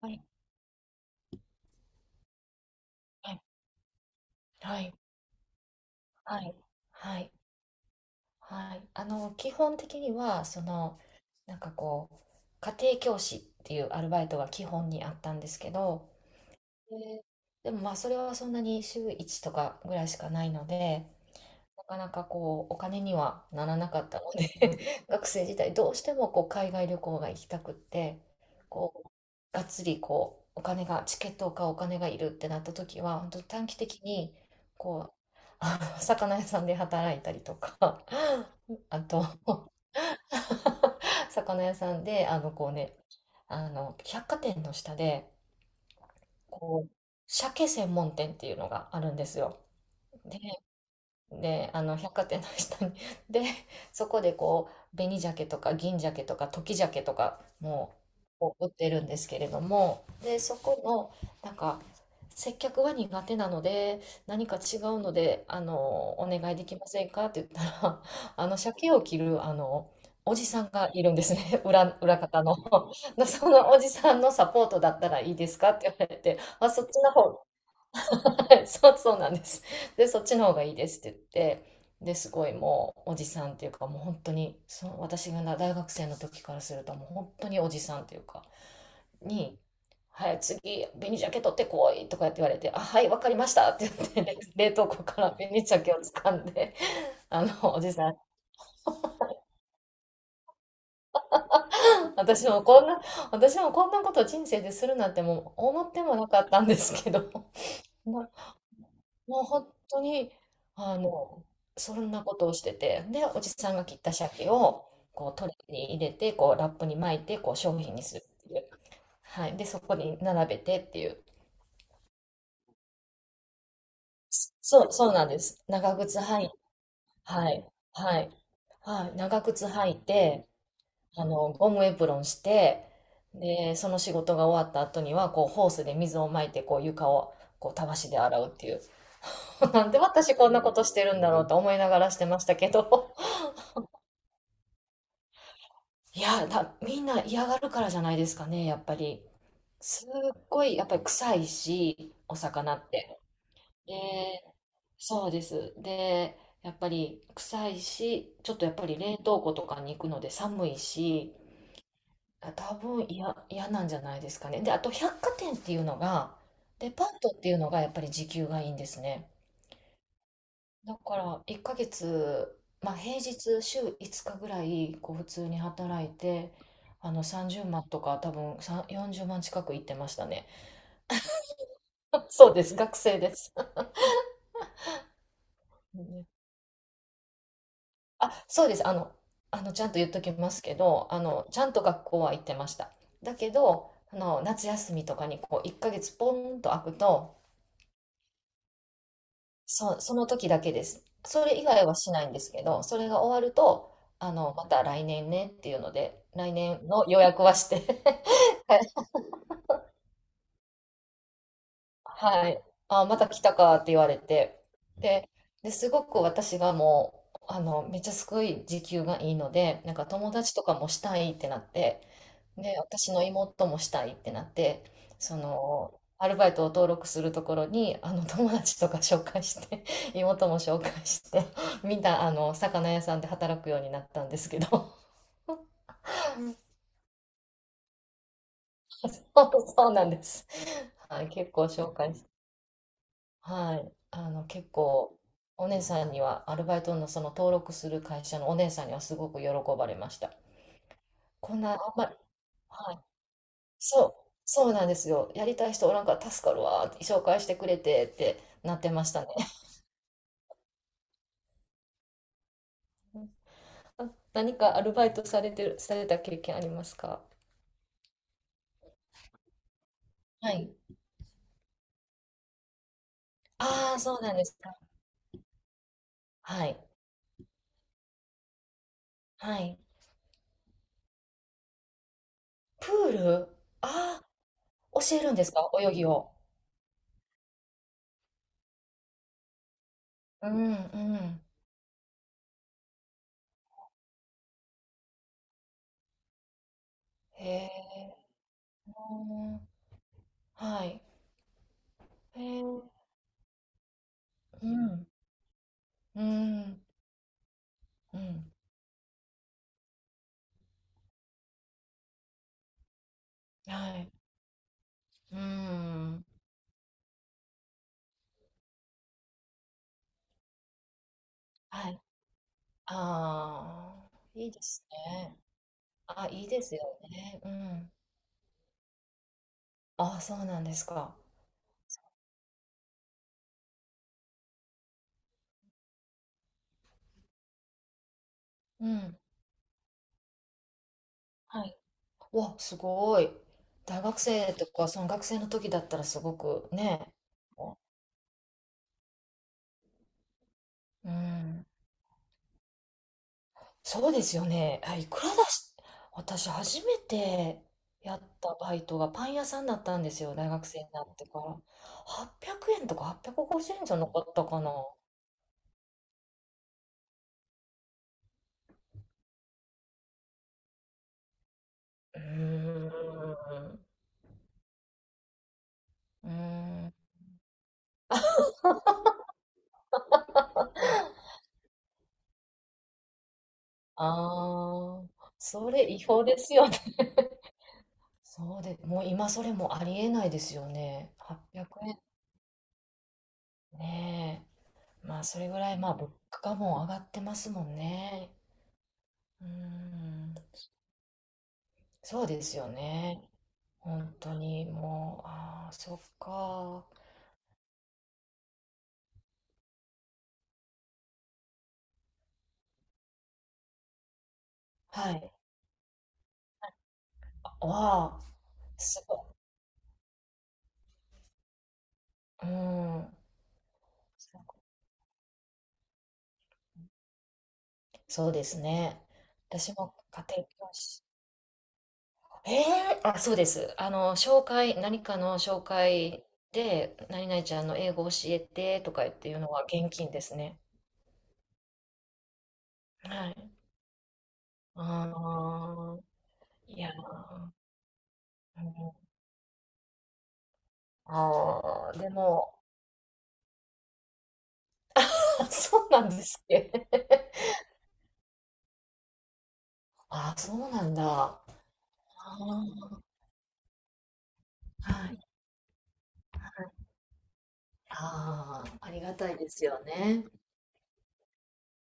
はい、はい、はい、はい、はい、はい。基本的には、なんかこう、家庭教師っていうアルバイトが基本にあったんですけど、でもまあ、それはそんなに週1とかぐらいしかないので、なかなかお金にはならなかったので。 学生時代どうしても海外旅行が行きたくって、こうがっつりお金がチケットを買うお金がいるってなった時は本当短期的に、こう魚屋さんで働いたりとか。あと 魚屋さんで、百貨店の下で、こう鮭専門店っていうのがあるんですよ。で、百貨店の下に。で、そこで紅鮭とか銀鮭とか時鮭とかも売ってるんですけれども、で、そこの、なんか、接客は苦手なので、何か違うので、お願いできませんかって言ったら、鮭を切る、おじさんがいるんですね。裏方の。そのおじさんのサポートだったらいいですかって言われて、あ、そっちの方。はい。 そう、そうなんです。で、そっちの方がいいですって言って、で、すごい、もうおじさんっていうか、もう本当に、私が大学生の時からすると、もう本当におじさんっていうか、に、はい、次、紅鮭取ってこいとかって言われて、あ、はい、わかりましたって言って、冷凍庫から紅鮭を掴んで、あの、おじさん、私もこんな、私もこんなこと人生でするなんてもう思ってもなかったんですけど、もう本当に、あの、そんなことをしてて、で、おじさんが切った鮭を、トレーに入れて、ラップに巻いて、商品にするっていう。はい。で、そこに並べてっていう。そう、そうなんです。長靴履い、はい、はい、はい。長靴履いて、ゴムエプロンして、で、その仕事が終わった後には、ホースで水をまいて、床を、たわしで洗うっていう。なんで私こんなことしてるんだろうと思いながらしてましたけど。いや、みんな嫌がるからじゃないですかね、やっぱり。すっごい、やっぱり臭いし、お魚って。で、そうです。で、やっぱり臭いし、ちょっとやっぱり冷凍庫とかに行くので寒いし、あ、多分嫌なんじゃないですかね。で、あと百貨店っていうのが、デパートっていうのがやっぱり時給がいいんですね。だから1ヶ月、まあ、平日週5日ぐらい普通に働いて、30万とか、多分40万近く行ってましたね。そうです、学生です。うん、あ、そうです。ちゃんと言っときますけど、ちゃんと学校は行ってました。だけど夏休みとかに1ヶ月ポンと空くと、その時だけです。それ以外はしないんですけど、それが終わると、また来年ねっていうので、来年の予約はして はい。あ、また来たかって言われて。で、で、すごく私がもう、めっちゃすごい時給がいいので、なんか友達とかもしたいってなって、で、私の妹もしたいってなって、アルバイトを登録するところに、友達とか紹介して、妹も紹介して、みんな、魚屋さんで働くようになったんですけど、そうなんです。はい、結構紹介し、はい、結構、お姉さんには、アルバイトのその登録する会社のお姉さんにはすごく喜ばれました。こんな、あんまり、はい、そう、そうなんですよ。やりたい人おらんから助かるわーって紹介してくれてってなってましたね。あ、何かアルバイトされた経験ありますか？はい。ああ、そうなんですか。はい。はい。プールああ、教えるんですか、泳ぎを？うん、うん。へえ。はい。へえ。うん、うん、うん。はい。うん。はい。ああ、いいですね。あ、いいですよね。うん。ああ、そうなんですか。うん。はい。わ、すごい。大学生とか、その学生の時だったらすごくね。うん。そうですよね。あ、いくらだし、私初めてやったバイトがパン屋さんだったんですよ。大学生になってから。800円とか850円、じゅうえんじゃなかったかな。うーん。うーん。ああ、それ違法ですよね。そうで、もう今それもありえないですよね。8 0円。ね、まあ、それぐらい、まあ、物価も上がってますもんね。うーん、そうですよね。本当に、もう、ああ、そっか。はい。わあ、すごい。うん。そうですね。私も家庭教師。ええ、あ、そうです。何かの紹介で、何々ちゃんの英語教えてとか言っていうのは現金ですね。はい。ああ、いやー、ああ、でも、そうなんですっけ。ああ、そうなんだ。ああ、はい。ああ、ありがたいですよね。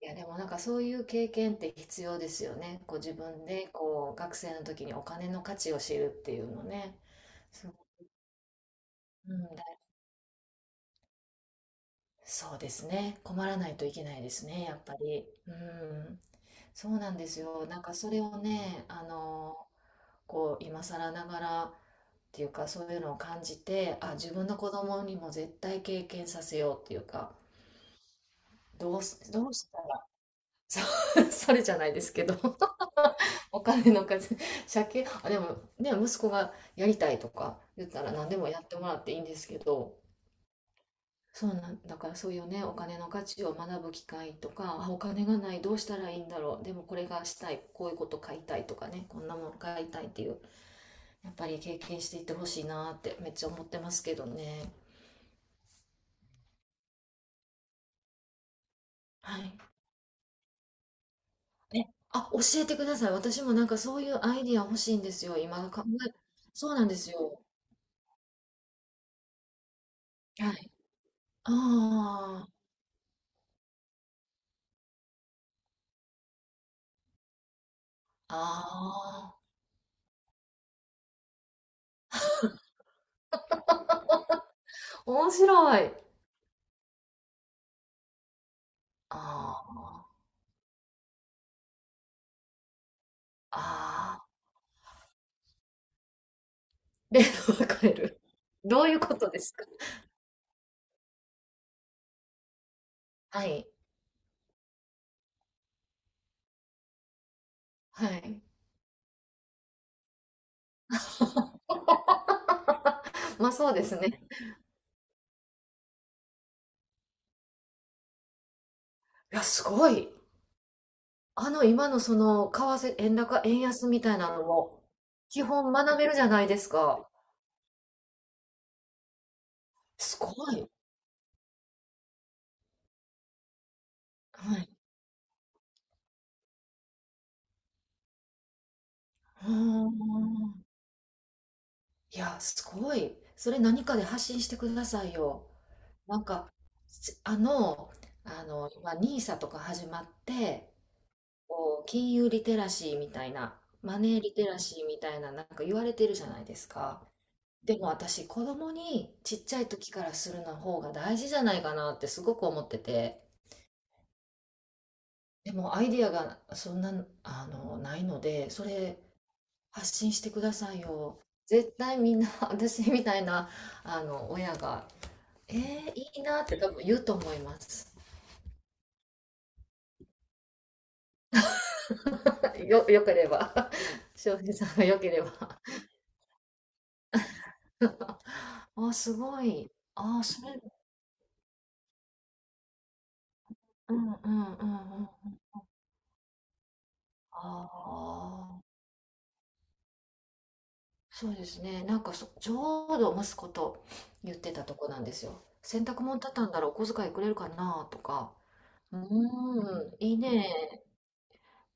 いや、でもなんかそういう経験って必要ですよね。自分で学生の時にお金の価値を知るっていうのね。そう、うん、そうですね。困らないといけないですね、やっぱり。うん、そうなんですよ。なんかそれをね、今更ながらっていうか、そういうのを感じて、あ、自分の子供にも絶対経験させようっていうか、どうしたら、そう。 それじゃないですけど。 お金の稼ぎ借金あ、でもね、息子がやりたいとか言ったら何でもやってもらっていいんですけど。そうなんだから、そういうねお金の価値を学ぶ機会とか、あ、お金がない、どうしたらいいんだろう、でもこれがしたい、こういうこと買いたいとかね、こんなもの買いたいっていう、やっぱり経験していってほしいなってめっちゃ思ってますけどね。はい。え、あ、教えてください。私もなんかそういうアイディア欲しいんですよ。今考え、そうなんですよ。はい。ああ、ああ、面白い。ああ、ああ、例の分かる。どういうことですか？はい。はい。まあ、そうですね。いや、すごい。今の為替、円高、円安みたいなのも、基本学べるじゃないですか。すごい。はい。うん。いや、すごい。それ何かで発信してくださいよ。なんか、すあの、今、NIS とか始まって、金融リテラシーみたいな、マネーリテラシーみたいな、なんか言われてるじゃないですか。でも私、子供にちっちゃい時からするの方が大事じゃないかなってすごく思ってて、でもアイディアがそんな、ないので、それ、発信してくださいよ。絶対みんな 私みたいな親が「えー、いいな」って多分言うと思います。よければ 翔平さんがよければ。 あ、すごい。あ、それ、うん、うん、うん、うん。ああ、そうですね。なんかそ、ちょうど息子と言ってたとこなんですよ。洗濯物畳んだらお小遣いくれるかなとか。うーん、いいね。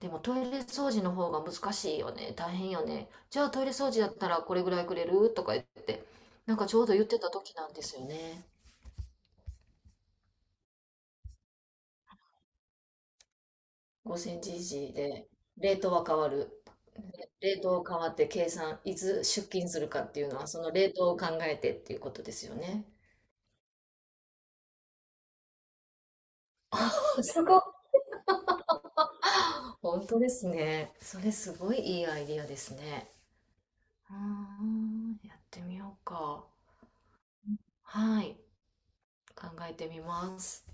でもトイレ掃除の方が難しいよね。大変よね。じゃあトイレ掃除だったらこれぐらいくれるとか言って、なんかちょうど言ってた時なんですよね。5センチ以上で、レートは変わる。レートを変わって計算、いつ出勤するかっていうのは、そのレートを考えてっていうことですよね。すごい。本当ですね。それすごい、いいアイディアですね。うーん、やってみようか。はい。考えてみます。